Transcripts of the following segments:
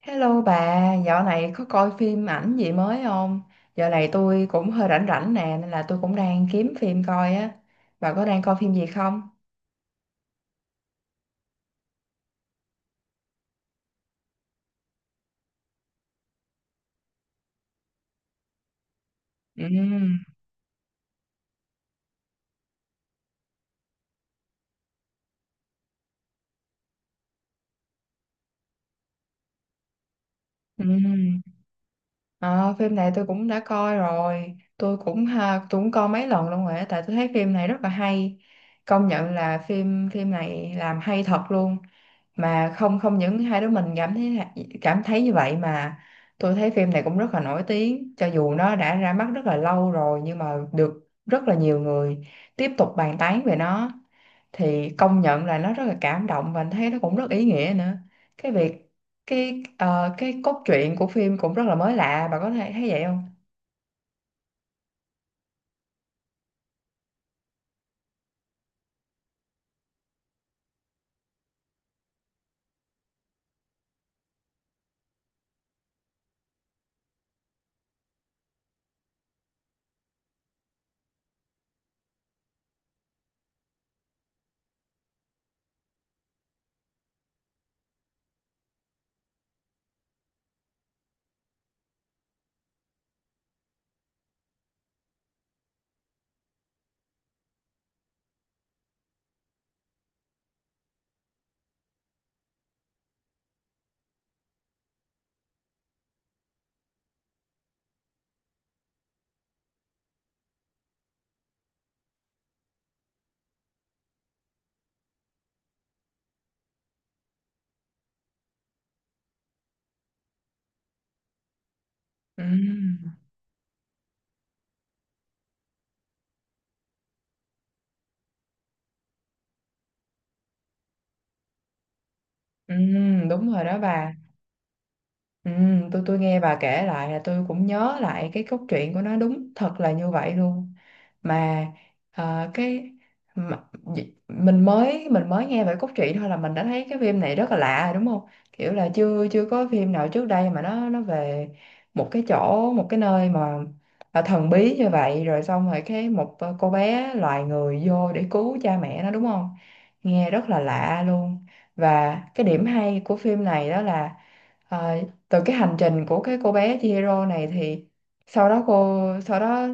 Hello bà, dạo này có coi phim ảnh gì mới không? Dạo này tôi cũng hơi rảnh rảnh nè, nên là tôi cũng đang kiếm phim coi á. Bà có đang coi phim gì không? Ừ, ừ. Ờ, phim này tôi cũng đã coi rồi, tôi cũng coi mấy lần luôn rồi á, tại tôi thấy phim này rất là hay. Công nhận là phim phim này làm hay thật luôn, mà không không những hai đứa mình cảm thấy như vậy, mà tôi thấy phim này cũng rất là nổi tiếng. Cho dù nó đã ra mắt rất là lâu rồi nhưng mà được rất là nhiều người tiếp tục bàn tán về nó, thì công nhận là nó rất là cảm động và anh thấy nó cũng rất ý nghĩa nữa. Cái việc cái ờ, cái cốt truyện của phim cũng rất là mới lạ, bà có thể thấy vậy không? Ừ, ừ, đúng rồi đó bà. Ừ, tôi nghe bà kể lại là tôi cũng nhớ lại cái cốt truyện của nó đúng thật là như vậy luôn. Mà ờ, cái mà, d- mình mới nghe về cốt truyện thôi là mình đã thấy cái phim này rất là lạ rồi, đúng không? Kiểu là chưa chưa có phim nào trước đây mà nó về một cái chỗ, một cái nơi mà là thần bí như vậy. Rồi xong rồi một cô bé loài người vô để cứu cha mẹ nó, đúng không? Nghe rất là lạ luôn. Và cái điểm hay của phim này đó là ờ, từ cái hành trình của cái cô bé Chihiro này, thì sau đó cô sau đó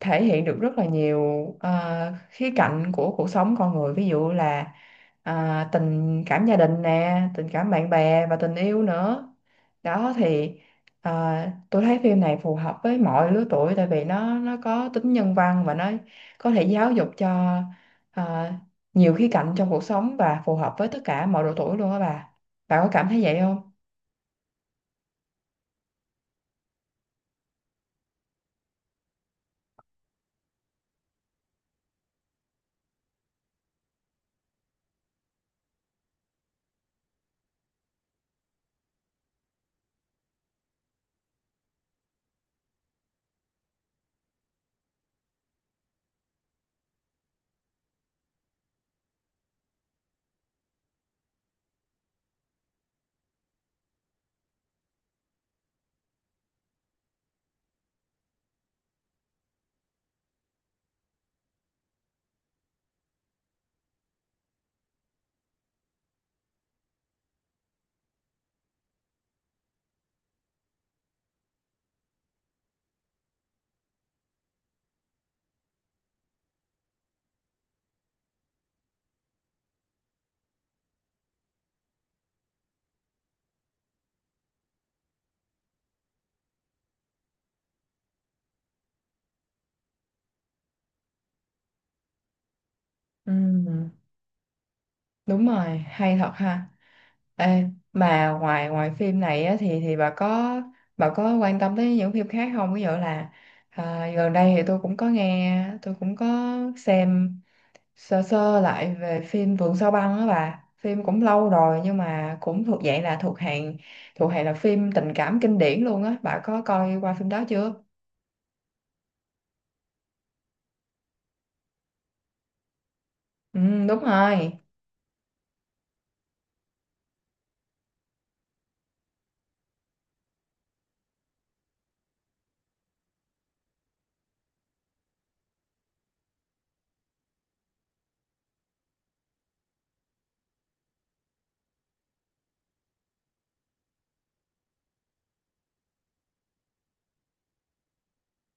thể hiện được rất là nhiều khía cạnh của cuộc sống con người. Ví dụ là tình cảm gia đình nè, tình cảm bạn bè, và tình yêu nữa. Đó thì tôi thấy phim này phù hợp với mọi lứa tuổi, tại vì nó có tính nhân văn và nó có thể giáo dục cho à, nhiều khía cạnh trong cuộc sống, và phù hợp với tất cả mọi độ tuổi luôn á bà. Bà có cảm thấy vậy không? Ừ, đúng rồi, hay thật ha. Ê, mà ngoài ngoài phim này á, thì bà có quan tâm tới những phim khác không? Ví dụ là gần đây, thì tôi cũng có nghe, tôi cũng có xem sơ sơ lại về phim Vườn Sao Băng á bà. Phim cũng lâu rồi nhưng mà cũng thuộc dạng là thuộc hàng là phim tình cảm kinh điển luôn á. Bà có coi qua phim đó chưa? Ừ, đúng rồi.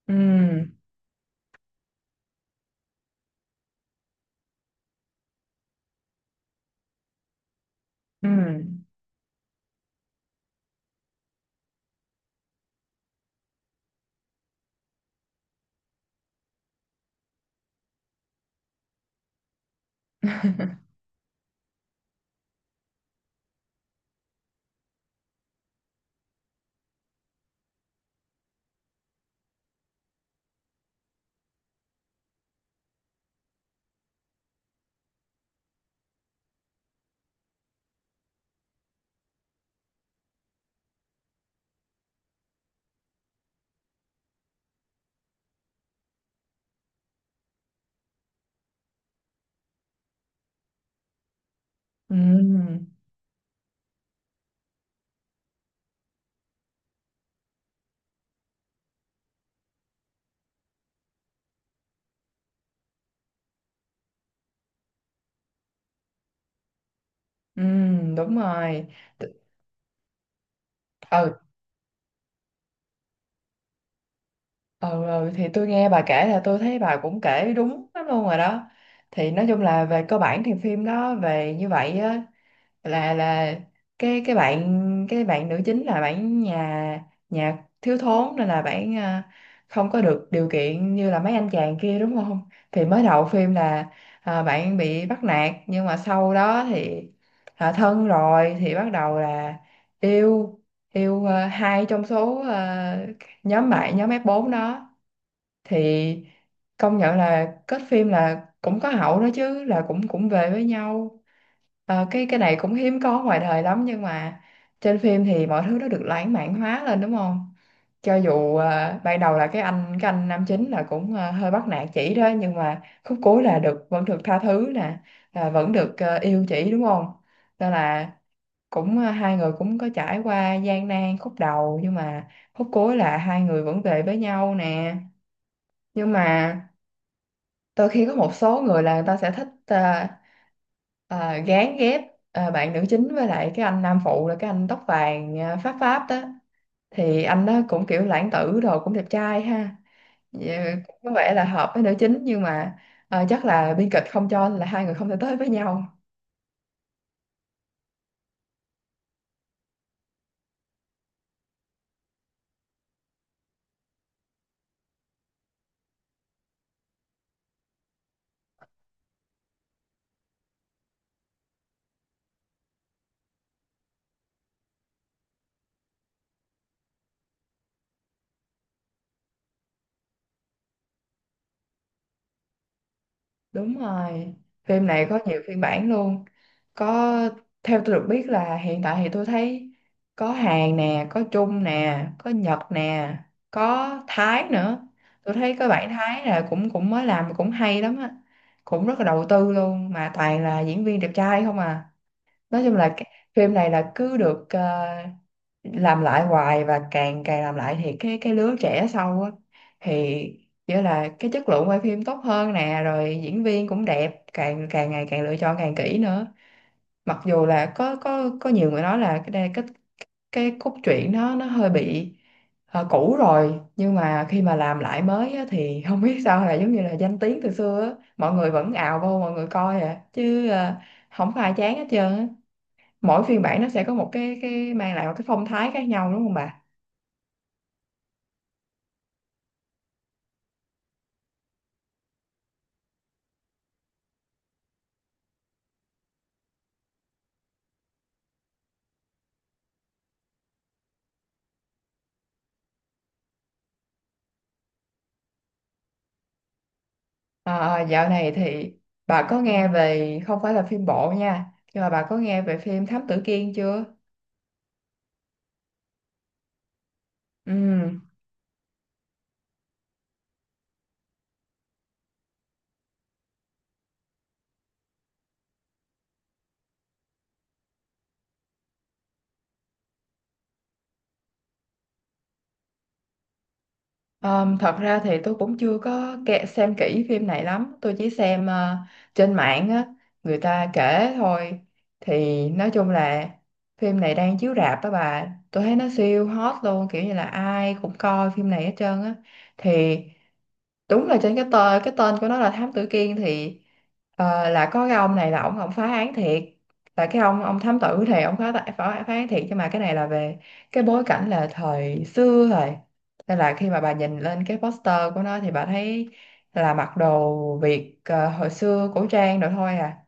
Ừ, ừ, ừ, ừ, ừ, đúng rồi. Ừ. Ừ, ừ thì tôi nghe bà kể là tôi thấy bà cũng kể đúng lắm luôn rồi đó. Thì nói chung là về cơ bản thì phim đó về như vậy á. Là cái bạn nữ chính là bạn nhà nhà thiếu thốn, nên là bạn không có được điều kiện như là mấy anh chàng kia, đúng không? Thì mới đầu phim là bạn bị bắt nạt, nhưng mà sau đó thì thân rồi, thì bắt đầu là yêu, hai trong số nhóm nhóm f bốn đó. Thì công nhận là kết phim là cũng có hậu đó chứ, là cũng cũng về với nhau. Ờ, cái này cũng hiếm có ngoài đời lắm, nhưng mà trên phim thì mọi thứ nó được lãng mạn hóa lên, đúng không? Cho dù ban đầu là cái anh nam chính là cũng hơi bắt nạt chị đó, nhưng mà khúc cuối là được, vẫn được tha thứ nè, là vẫn được yêu chị, đúng không? Nên là cũng hai người cũng có trải qua gian nan khúc đầu, nhưng mà khúc cuối là hai người vẫn về với nhau nè. Nhưng mà đôi khi có một số người là người ta sẽ thích gán ghép bạn nữ chính với lại cái anh nam phụ, là cái anh tóc vàng, pháp pháp đó. Thì anh đó cũng kiểu lãng tử, rồi cũng đẹp trai ha. Dạ, cũng có vẻ là hợp với nữ chính, nhưng mà chắc là biên kịch không cho, là hai người không thể tới với nhau. Đúng rồi, phim này có nhiều phiên bản luôn. Có, theo tôi được biết là hiện tại thì tôi thấy có Hàn nè, có Trung nè, có Nhật nè, có Thái nữa. Tôi thấy có bạn Thái là cũng cũng mới làm, cũng hay lắm á. Cũng rất là đầu tư luôn, mà toàn là diễn viên đẹp trai không à, nói chung là cái phim này là cứ được làm lại hoài. Và càng càng làm lại thì cái lứa trẻ sau á, thì nghĩa là cái chất lượng quay phim tốt hơn nè, rồi diễn viên cũng đẹp, càng càng ngày càng lựa chọn càng kỹ nữa. Mặc dù là có nhiều người nói là cái đây- cái cốt truyện nó hơi bị cũ rồi, nhưng mà khi mà làm lại mới á, thì không biết sao là giống như là danh tiếng từ xưa á, mọi người vẫn ào vô, mọi người coi à chứ không có ai chán hết trơn á. Mỗi phiên bản nó sẽ có một cái mang lại một cái phong thái khác nhau, đúng không bà? Dạo này thì bà có nghe về, không phải là phim bộ nha, nhưng mà bà có nghe về phim Thám Tử Kiên chưa? Ừ. Thật ra thì tôi cũng chưa có xem kỹ phim này lắm, tôi chỉ xem trên mạng á, người ta kể thôi. Thì nói chung là phim này đang chiếu rạp đó bà. Tôi thấy nó siêu hot luôn, kiểu như là ai cũng coi phim này hết trơn á. Thì đúng là trên cái tên, của nó là Thám Tử Kiên, thì là có cái ông này là ông phá án thiệt, là cái ông thám tử, thì ông phá, phá án thiệt. Nhưng mà cái này là về cái bối cảnh là thời xưa rồi, nên là khi mà bà nhìn lên cái poster của nó thì bà thấy là mặc đồ Việt hồi xưa, cổ trang rồi thôi à.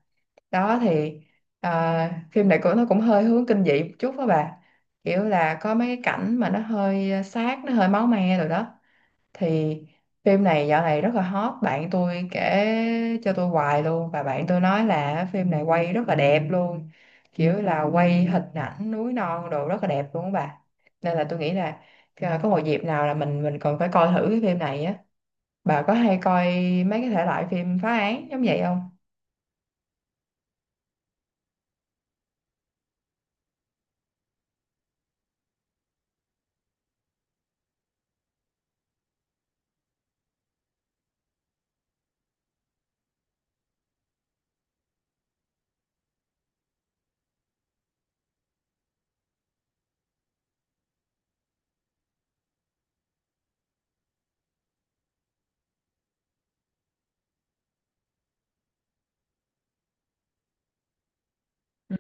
Đó thì ờ, phim này của nó cũng hơi hướng kinh dị một chút đó bà, kiểu là có mấy cái cảnh mà nó hơi sát, nó hơi máu me rồi đó. Thì phim này dạo này rất là hot, bạn tôi kể cho tôi hoài luôn, và bạn tôi nói là phim này quay rất là đẹp luôn, kiểu là quay hình ảnh núi non đồ rất là đẹp luôn á bà. Nên là tôi nghĩ là có một dịp nào là mình còn phải coi thử cái phim này á. Bà có hay coi mấy cái thể loại phim phá án giống vậy không? Ừ.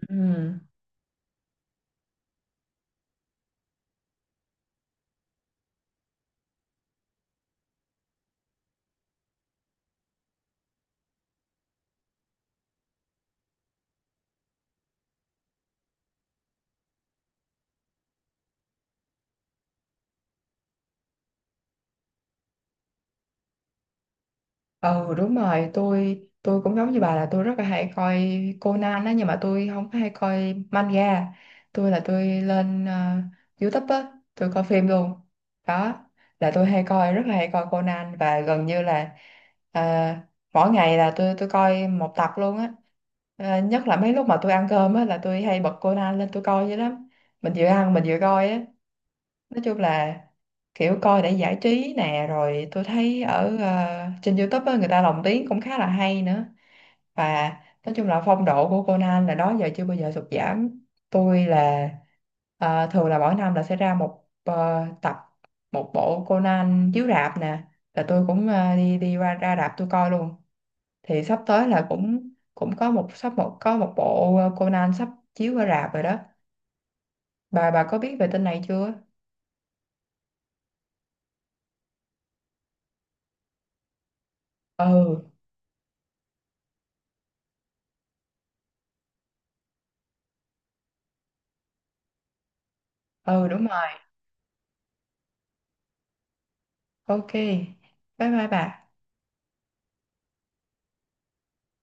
Ừ, đúng rồi, tôi cũng giống như bà là tôi rất là hay coi Conan á, nhưng mà tôi không có hay coi manga. Tôi lên YouTube á, tôi coi phim luôn. Đó là tôi hay coi, rất là hay coi Conan, và gần như là ờ, mỗi ngày là tôi coi một tập luôn á. Ờ, nhất là mấy lúc mà tôi ăn cơm á là tôi hay bật Conan lên tôi coi vậy lắm, mình vừa ăn mình vừa coi á. Nói chung là kiểu coi để giải trí nè, rồi tôi thấy trên YouTube á, người ta lồng tiếng cũng khá là hay nữa. Và nói chung là phong độ của Conan là đó giờ chưa bao giờ sụt giảm. Tôi là ờ, thường là mỗi năm là sẽ ra một ờ, tập một bộ Conan chiếu rạp nè, là tôi cũng đi đi ra ra rạp tôi coi luôn. Thì sắp tới là cũng cũng có một bộ Conan sắp chiếu ở rạp rồi đó bà. Bà có biết về tin này chưa? Ừ. Ừ, đúng rồi. Ok, bye bye bà.